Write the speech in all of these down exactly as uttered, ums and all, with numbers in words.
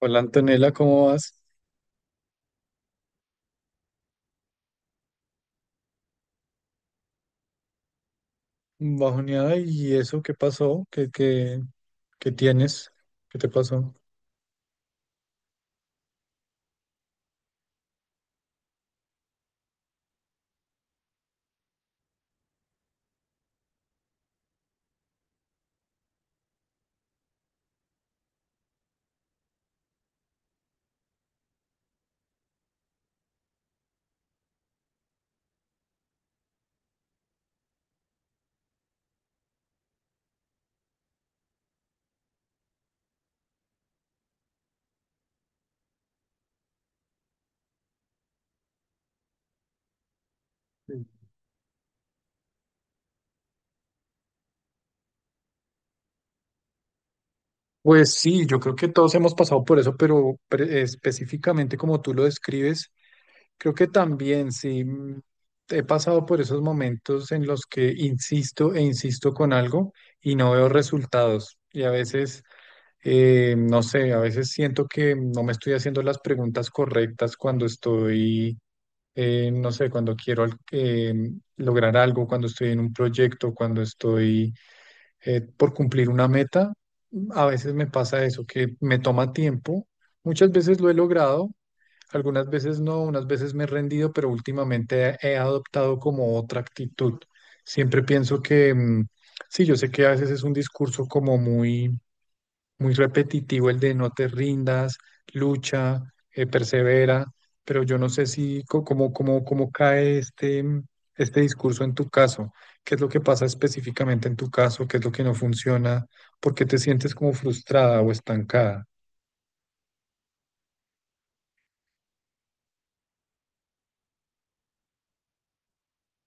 Hola Antonella, ¿cómo vas? Bajoneada, ¿y eso qué pasó? ¿Qué, qué, ¿qué tienes? ¿Qué te pasó? Sí. Pues sí, yo creo que todos hemos pasado por eso, pero pre- específicamente como tú lo describes, creo que también sí, mm, he pasado por esos momentos en los que insisto e insisto con algo y no veo resultados. Y a veces, eh, no sé, a veces siento que no me estoy haciendo las preguntas correctas cuando estoy, eh, no sé, cuando quiero al- em, lograr algo, cuando estoy en un proyecto, cuando estoy, eh, por cumplir una meta, a veces me pasa eso, que me toma tiempo. Muchas veces lo he logrado, algunas veces no, unas veces me he rendido, pero últimamente he, he adoptado como otra actitud. Siempre pienso que, mm, sí, yo sé que a veces es un discurso como muy muy repetitivo, el de no te rindas, lucha, eh, persevera, pero yo no sé si co- cómo, cómo, cómo cae este, este discurso en tu caso, qué es lo que pasa específicamente en tu caso, qué es lo que no funciona, por qué te sientes como frustrada o estancada.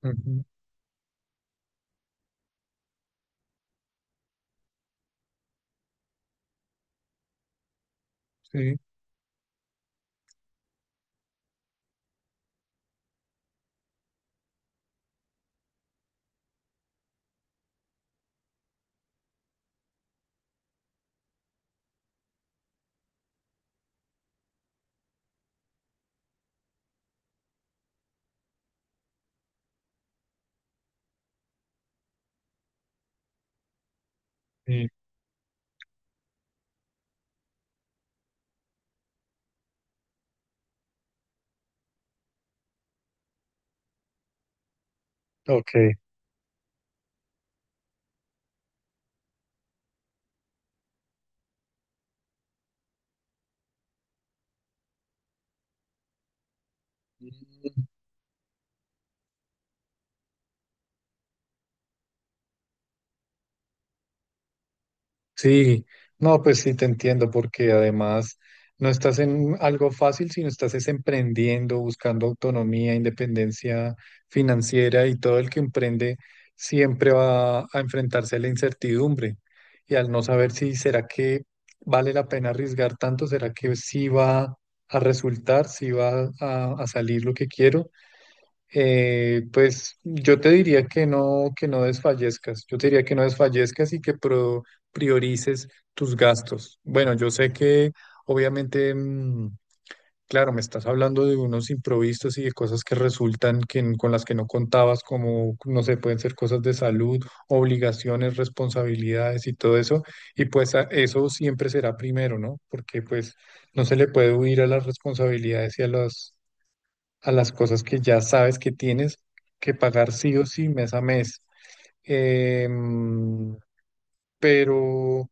Ujú, sí, sí, ok. Sí, no, pues sí te entiendo, porque además no estás en algo fácil, sino estás es emprendiendo, buscando autonomía, independencia financiera, y todo el que emprende siempre va a enfrentarse a la incertidumbre y al no saber si será que vale la pena arriesgar tanto, será que sí va a resultar, si va a, a salir lo que quiero. Eh, pues yo te diría que no, que no desfallezcas, yo te diría que no desfallezcas y que pro- priorices tus gastos. Bueno, yo sé que obviamente, mm, claro, me estás hablando de unos improvisos y de cosas que resultan que, n- con las que no contabas, como, no sé, pueden ser cosas de salud, obligaciones, responsabilidades y todo eso, y pues a- eso siempre será primero, ¿no? Porque pues no se le puede huir a las responsabilidades y a las a las cosas que ya sabes que tienes que pagar sí o sí mes a mes. Em, pero...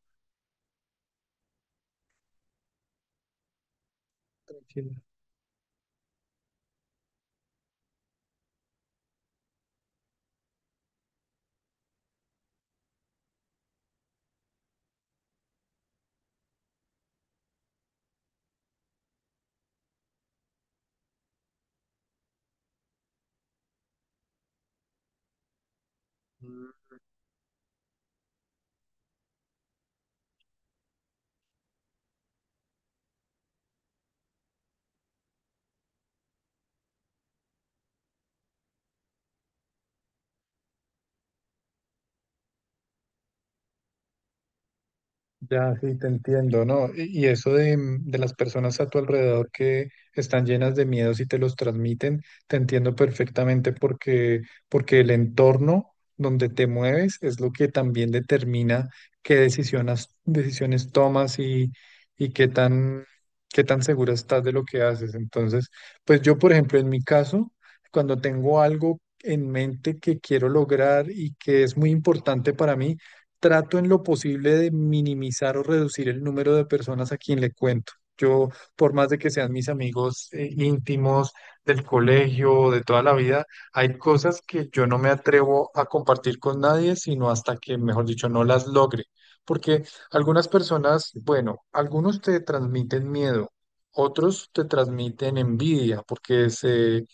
Ya, sí, te entiendo, ¿no? Y y eso de, mm, de las personas a tu alrededor que están llenas de miedos y te los transmiten, te entiendo perfectamente porque, porque el entorno donde te mueves es lo que también determina qué decisiones, decisiones tomas y, y qué tan, qué tan segura estás de lo que haces. Entonces, pues yo, por ejemplo, en mi caso, cuando tengo algo en mente que quiero lograr y que es muy importante para mí, trato en lo posible de minimizar o reducir el número de personas a quien le cuento. Yo, por más de que sean mis amigos, eh, íntimos del colegio, de toda la vida, hay cosas que yo no me atrevo a compartir con nadie, sino hasta que, mejor dicho, no las logre. Porque algunas personas, bueno, algunos te transmiten miedo, otros te transmiten envidia, porque se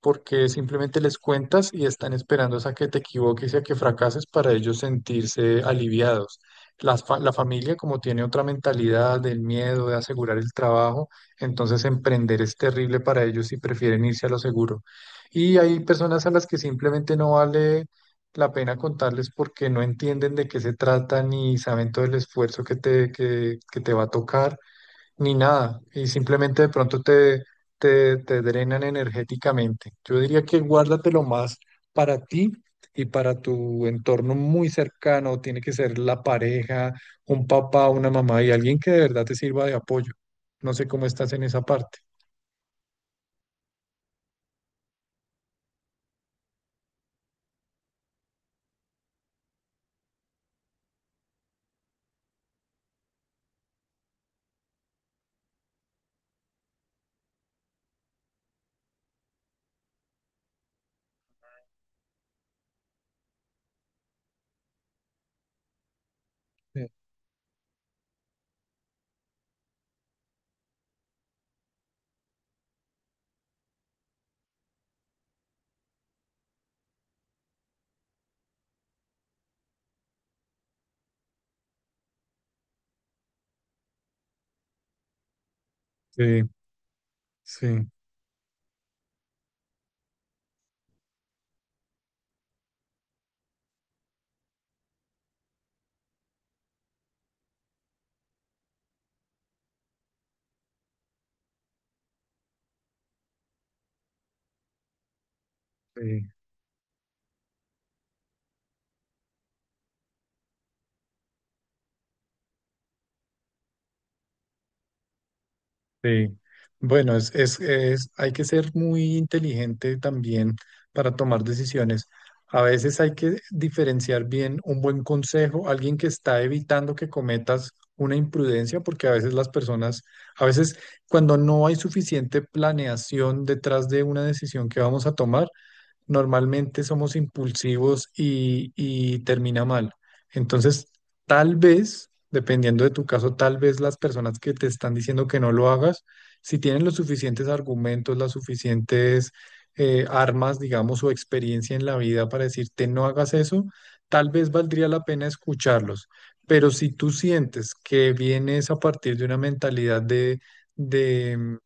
porque simplemente les cuentas y están esperando a que te equivoques y a que fracases para ellos sentirse aliviados. Las fa- la familia, como tiene otra mentalidad del miedo de asegurar el trabajo, entonces emprender es terrible para ellos y prefieren irse a lo seguro. Y hay personas a las que simplemente no vale la pena contarles porque no entienden de qué se trata ni saben todo el esfuerzo que te, que que te va a tocar ni nada, y simplemente de pronto te, te, te drenan energéticamente. Yo diría que guárdatelo más para ti y para tu entorno muy cercano. Tiene que ser la pareja, un papá, una mamá y alguien que de verdad te sirva de apoyo. No sé cómo estás en esa parte. Sí. Sí, sí. Sí. Sí, bueno, es, es, es- hay que ser muy inteligente también para tomar decisiones. A veces hay que diferenciar bien un buen consejo, alguien que está evitando que cometas una imprudencia, porque a veces las personas, a veces cuando no hay suficiente planeación detrás de una decisión que vamos a tomar, normalmente somos impulsivos y, y termina mal. Entonces, tal vez, dependiendo de tu caso, tal vez las personas que te están diciendo que no lo hagas, si tienen los suficientes argumentos, las suficientes, eh, armas, digamos, o experiencia en la vida para decirte no hagas eso, tal vez valdría la pena escucharlos. Pero si tú sientes que vienes a partir de una mentalidad de, de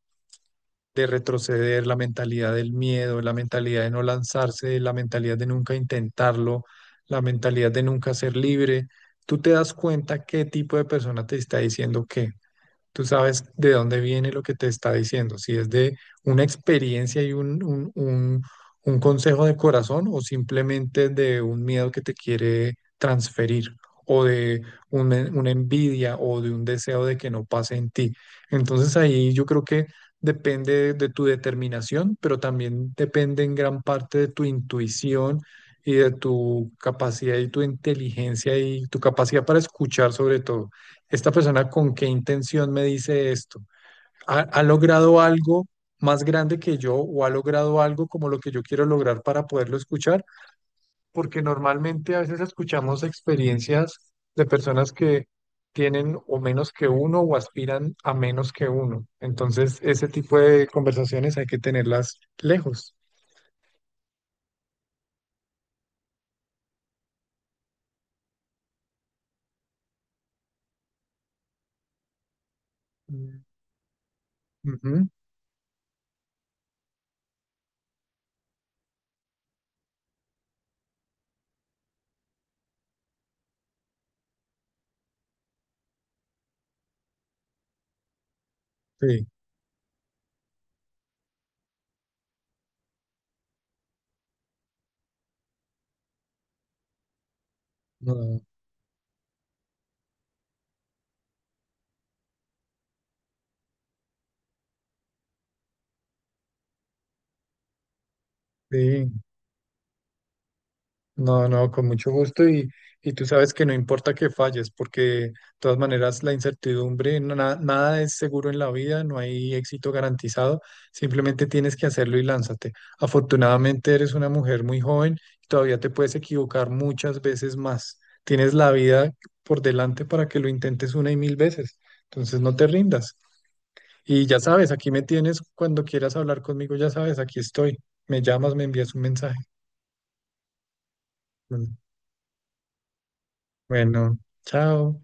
de retroceder, la mentalidad del miedo, la mentalidad de no lanzarse, la mentalidad de nunca intentarlo, la mentalidad de nunca ser libre. Tú te das cuenta qué tipo de persona te está diciendo qué, tú sabes de dónde viene lo que te está diciendo, si es de una experiencia y un, un, un- un consejo de corazón o simplemente de un miedo que te quiere transferir o de un, e- una envidia o de un deseo de que no pase en ti. Entonces ahí yo creo que depende de tu determinación, pero también depende en gran parte de tu intuición y de tu capacidad y tu inteligencia y tu capacidad para escuchar, sobre todo, esta persona con qué intención me dice esto. ¿Ha, ¿ha logrado algo más grande que yo o ha logrado algo como lo que yo quiero lograr para poderlo escuchar? Porque normalmente a veces escuchamos experiencias de personas que tienen o menos que uno o aspiran a menos que uno. Entonces, ese tipo de conversaciones hay que tenerlas lejos. Mm. Ujú, sí, no, sí. No, no, con mucho gusto, y, y tú sabes que no importa que falles, porque de todas maneras la incertidumbre, no- na- nada es seguro en la vida, no hay éxito garantizado, simplemente tienes que hacerlo y lánzate. Afortunadamente eres una mujer muy joven y todavía te puedes equivocar muchas veces más. Tienes la vida por delante para que lo intentes una y mil veces, entonces no te rindas. Y ya sabes, aquí me tienes cuando quieras hablar conmigo, ya sabes, aquí estoy. Me llamas, me envías un mensaje. Bueno, chao.